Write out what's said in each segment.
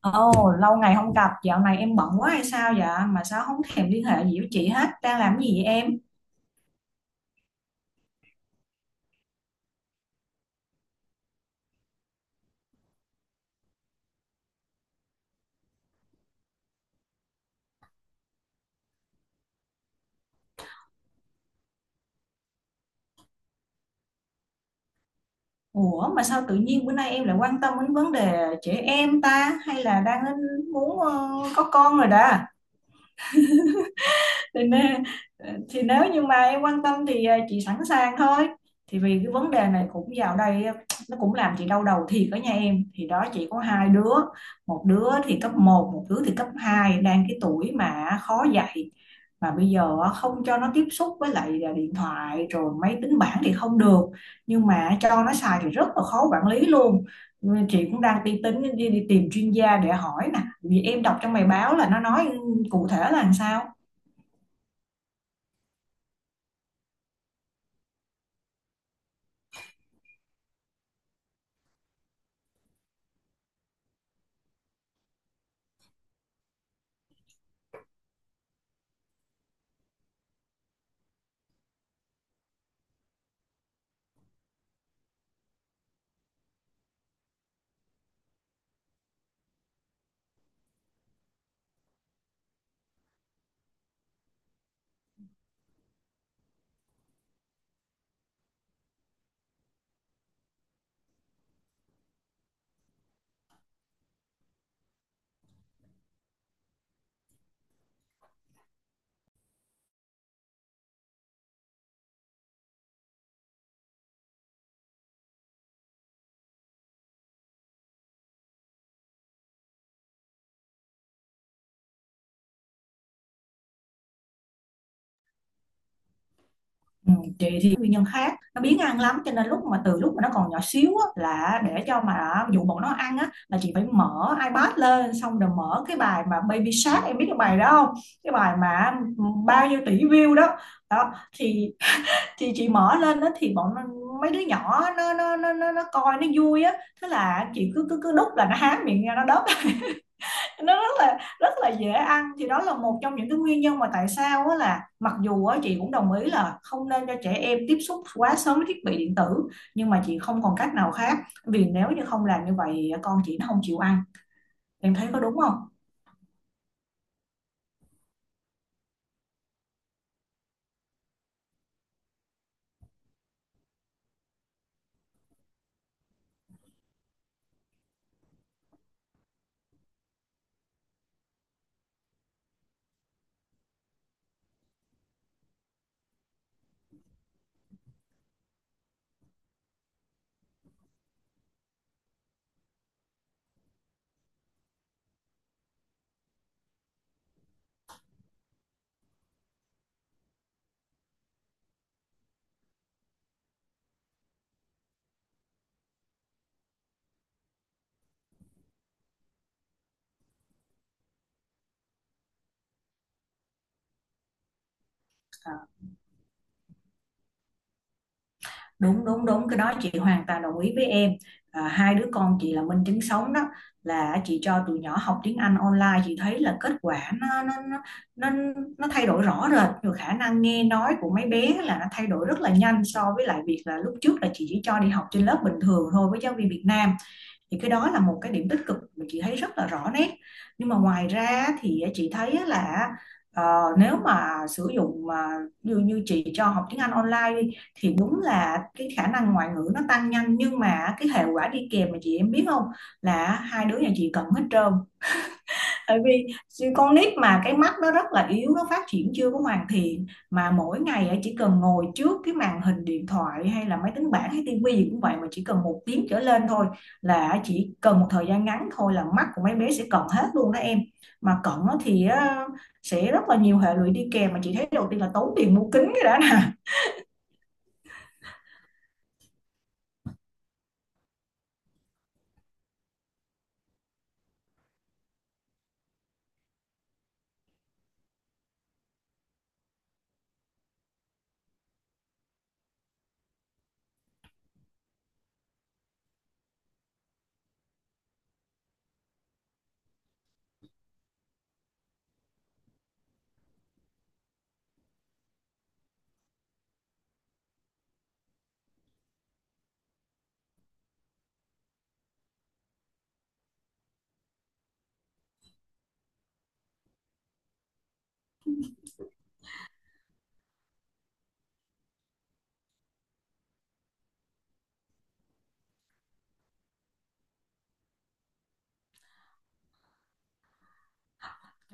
Ồ, lâu ngày không gặp, dạo này em bận quá hay sao vậy? Mà sao không thèm liên hệ gì với chị hết? Đang làm cái gì vậy em? Ủa, mà sao tự nhiên bữa nay em lại quan tâm đến vấn đề trẻ em ta? Hay là đang muốn có con rồi đó? Nên thì nếu như mà em quan tâm thì chị sẵn sàng thôi. Thì vì cái vấn đề này cũng vào đây nó cũng làm chị đau đầu thiệt. Ở nhà em thì đó chị có hai đứa, một đứa thì cấp một, một đứa thì cấp hai, đang cái tuổi mà khó dạy. Mà bây giờ không cho nó tiếp xúc với lại điện thoại rồi máy tính bảng thì không được, nhưng mà cho nó xài thì rất là khó quản lý luôn. Ờ, chị cũng đang tính đi tìm chuyên gia để hỏi nè, vì em đọc trong bài báo là nó nói cụ thể là làm sao. Ừ, chị thì nguyên nhân khác, nó biếng ăn lắm, cho nên lúc mà từ lúc mà nó còn nhỏ xíu á, là để cho mà dụ bọn nó ăn á là chị phải mở iPad lên, xong rồi mở cái bài mà Baby Shark, em biết cái bài đó không? Cái bài mà ừ, bao nhiêu tỷ view đó đó. Thì thì chị mở lên đó thì mấy đứa nhỏ nó coi nó vui á, thế là chị cứ cứ cứ đút là nó há miệng ra nó đớp. Nó rất là dễ ăn. Thì đó là một trong những cái nguyên nhân mà tại sao á, là mặc dù á chị cũng đồng ý là không nên cho trẻ em tiếp xúc quá sớm với thiết bị điện tử, nhưng mà chị không còn cách nào khác, vì nếu như không làm như vậy con chị nó không chịu ăn. Em thấy có đúng không? À, đúng đúng đúng, cái đó chị hoàn toàn đồng ý với em. À, hai đứa con chị là minh chứng sống đó, là chị cho tụi nhỏ học tiếng Anh online, chị thấy là kết quả nó, nó thay đổi rõ rệt, rồi khả năng nghe nói của mấy bé là nó thay đổi rất là nhanh so với lại việc là lúc trước là chị chỉ cho đi học trên lớp bình thường thôi với giáo viên Việt Nam. Thì cái đó là một cái điểm tích cực mà chị thấy rất là rõ nét. Nhưng mà ngoài ra thì chị thấy là ờ, nếu mà sử dụng mà như như chị cho học tiếng Anh online đi, thì đúng là cái khả năng ngoại ngữ nó tăng nhanh, nhưng mà cái hệ quả đi kèm mà chị, em biết không, là hai đứa nhà chị cận hết trơn. Tại vì con nít mà cái mắt nó rất là yếu, nó phát triển chưa có hoàn thiện, mà mỗi ngày á, chỉ cần ngồi trước cái màn hình điện thoại hay là máy tính bảng hay tivi gì cũng vậy, mà chỉ cần một tiếng trở lên thôi, là chỉ cần một thời gian ngắn thôi là mắt của mấy bé sẽ cận hết luôn đó em. Mà cận thì sẽ rất là nhiều hệ lụy đi kèm, mà chị thấy đầu tiên là tốn tiền mua kính cái đã nè.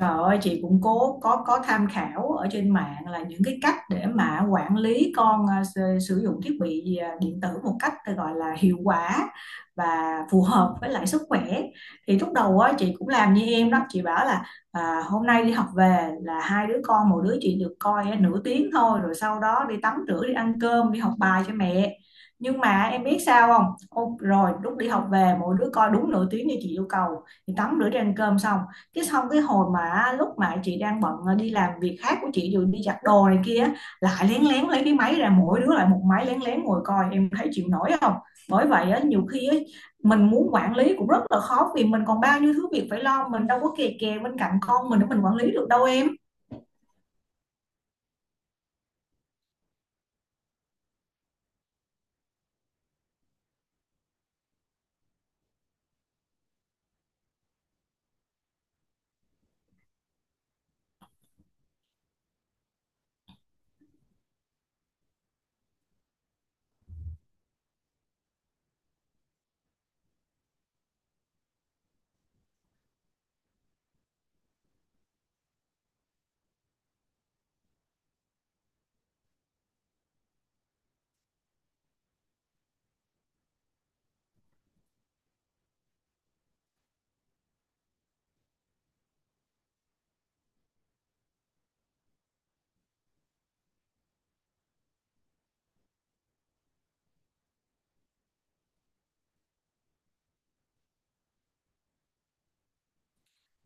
Trời ơi, chị cũng cố có tham khảo ở trên mạng là những cái cách để mà quản lý con à, sử sử dụng thiết bị à, điện tử một cách tôi gọi là hiệu quả và phù hợp với lại sức khỏe. Thì lúc đầu á chị cũng làm như em đó, chị bảo là à, hôm nay đi học về là hai đứa con, một đứa chị được coi à, nửa tiếng thôi, rồi sau đó đi tắm rửa đi ăn cơm đi học bài cho mẹ. Nhưng mà em biết sao không? Ô, rồi lúc đi học về mỗi đứa coi đúng nửa tiếng như chị yêu cầu, thì tắm rửa đi ăn cơm xong cái, xong cái hồi mà lúc mà chị đang bận ờ, đi làm việc khác của chị rồi đi giặt đồ này kia, lại lén lén lấy cái máy ra, mỗi đứa lại một máy lén lén ngồi coi, em thấy chịu nổi không? Bởi vậy á, nhiều khi á, mình muốn quản lý cũng rất là khó, vì mình còn bao nhiêu thứ việc phải lo, mình đâu có kè kè bên cạnh con mình để mình quản lý được đâu em.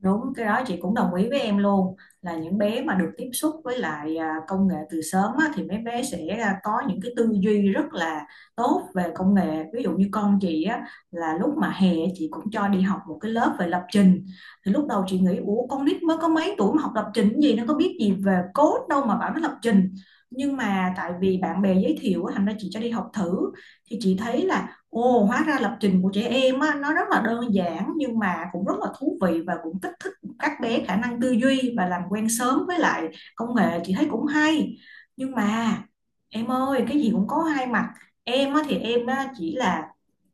Đúng, cái đó chị cũng đồng ý với em luôn, là những bé mà được tiếp xúc với lại à, công nghệ từ sớm á, thì mấy bé sẽ à, có những cái tư duy rất là tốt về công nghệ. Ví dụ như con chị á, là lúc mà hè chị cũng cho đi học một cái lớp về lập trình. Thì lúc đầu chị nghĩ ủa, con nít mới có mấy tuổi mà học lập trình cái gì, nó có biết gì về code đâu mà bảo nó lập trình. Nhưng mà tại vì bạn bè giới thiệu á, thành ra chị cho đi học thử, thì chị thấy là Ồ, hóa ra lập trình của trẻ em á, nó rất là đơn giản, nhưng mà cũng rất là thú vị và cũng kích thích các bé khả năng tư duy và làm quen sớm với lại công nghệ, chị thấy cũng hay. Nhưng mà em ơi, cái gì cũng có hai mặt. Em á, thì em á, chỉ là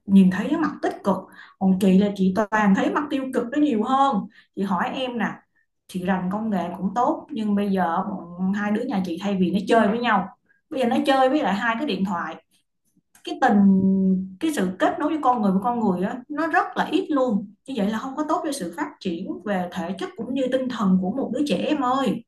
nhìn thấy cái mặt tích cực, còn chị là chị toàn thấy mặt tiêu cực nó nhiều hơn. Chị hỏi em nè, chị rành công nghệ cũng tốt, nhưng bây giờ bọn hai đứa nhà chị thay vì nó chơi với nhau, bây giờ nó chơi với lại hai cái điện thoại. Cái cái sự kết nối với con người á nó rất là ít luôn, như vậy là không có tốt cho sự phát triển về thể chất cũng như tinh thần của một đứa trẻ em ơi.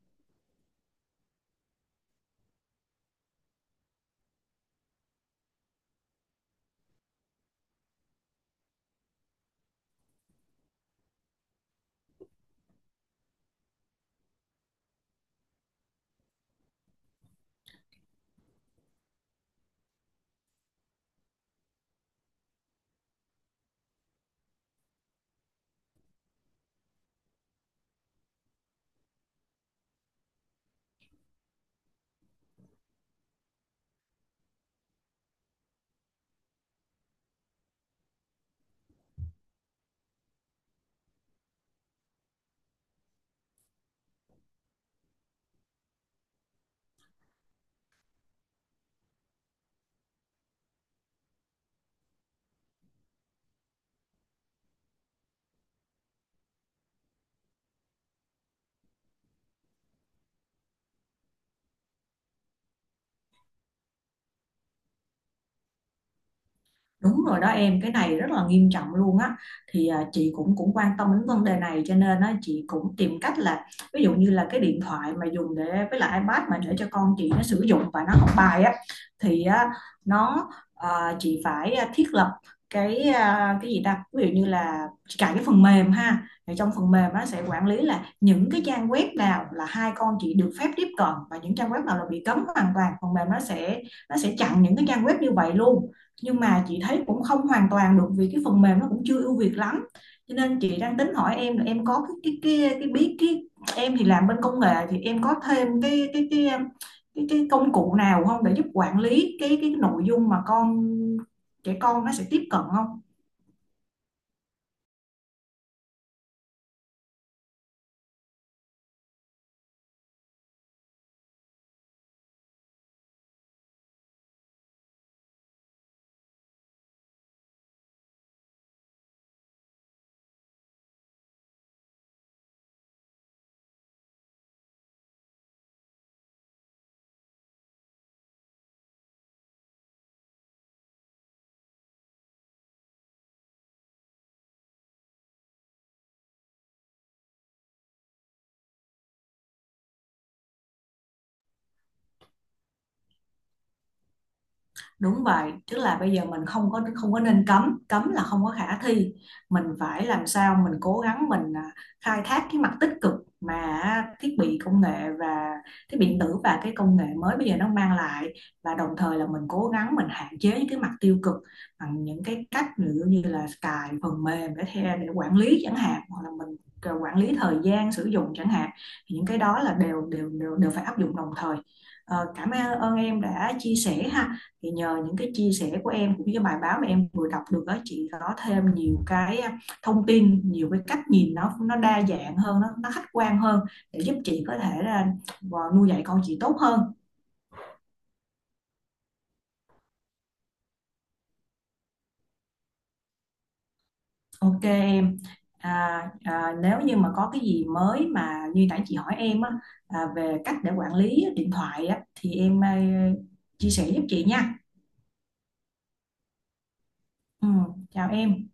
Đúng rồi đó em, cái này rất là nghiêm trọng luôn á. Thì à, chị cũng cũng quan tâm đến vấn đề này, cho nên á chị cũng tìm cách là ví dụ như là cái điện thoại mà dùng để với lại iPad mà để cho con chị nó sử dụng và nó học bài á, thì á, nó à, chị phải à, thiết lập cái à, cái gì ta? Ví dụ như là chị cài cái phần mềm ha. Thì trong phần mềm nó sẽ quản lý là những cái trang web nào là hai con chị được phép tiếp cận và những trang web nào là bị cấm hoàn toàn. Phần mềm nó sẽ chặn những cái trang web như vậy luôn, nhưng mà chị thấy cũng không hoàn toàn được vì cái phần mềm nó cũng chưa ưu việt lắm, cho nên chị đang tính hỏi em là em có cái biết cái, em thì làm bên công nghệ thì em có thêm cái công cụ nào không để giúp quản lý cái nội dung mà trẻ con nó sẽ tiếp cận không. Đúng vậy, tức là bây giờ mình không có nên cấm, cấm là không có khả thi. Mình phải làm sao mình cố gắng mình à, khai thác cái mặt tích cực mà thiết bị công nghệ và thiết bị điện tử và cái công nghệ mới bây giờ nó mang lại, và đồng thời là mình cố gắng mình hạn chế những cái mặt tiêu cực bằng những cái cách ví dụ như là cài phần mềm để theo để quản lý chẳng hạn, hoặc là mình à, quản lý thời gian sử dụng chẳng hạn. Thì những cái đó là đều đều đều đều phải áp dụng đồng thời. Ờ, cảm ơn em đã chia sẻ ha, thì nhờ những cái chia sẻ của em cũng như cái bài báo mà em vừa đọc được đó, chị có thêm nhiều cái thông tin, nhiều cái cách nhìn, nó đa dạng hơn, nó khách quan hơn, để giúp chị có thể là ờ, nuôi dạy con chị tốt hơn. OK em, à, à, nếu như mà có cái gì mới mà như nãy chị hỏi em á, à, về cách để quản lý điện thoại á thì em ờ, chia sẻ giúp chị nha. Ừ, chào em.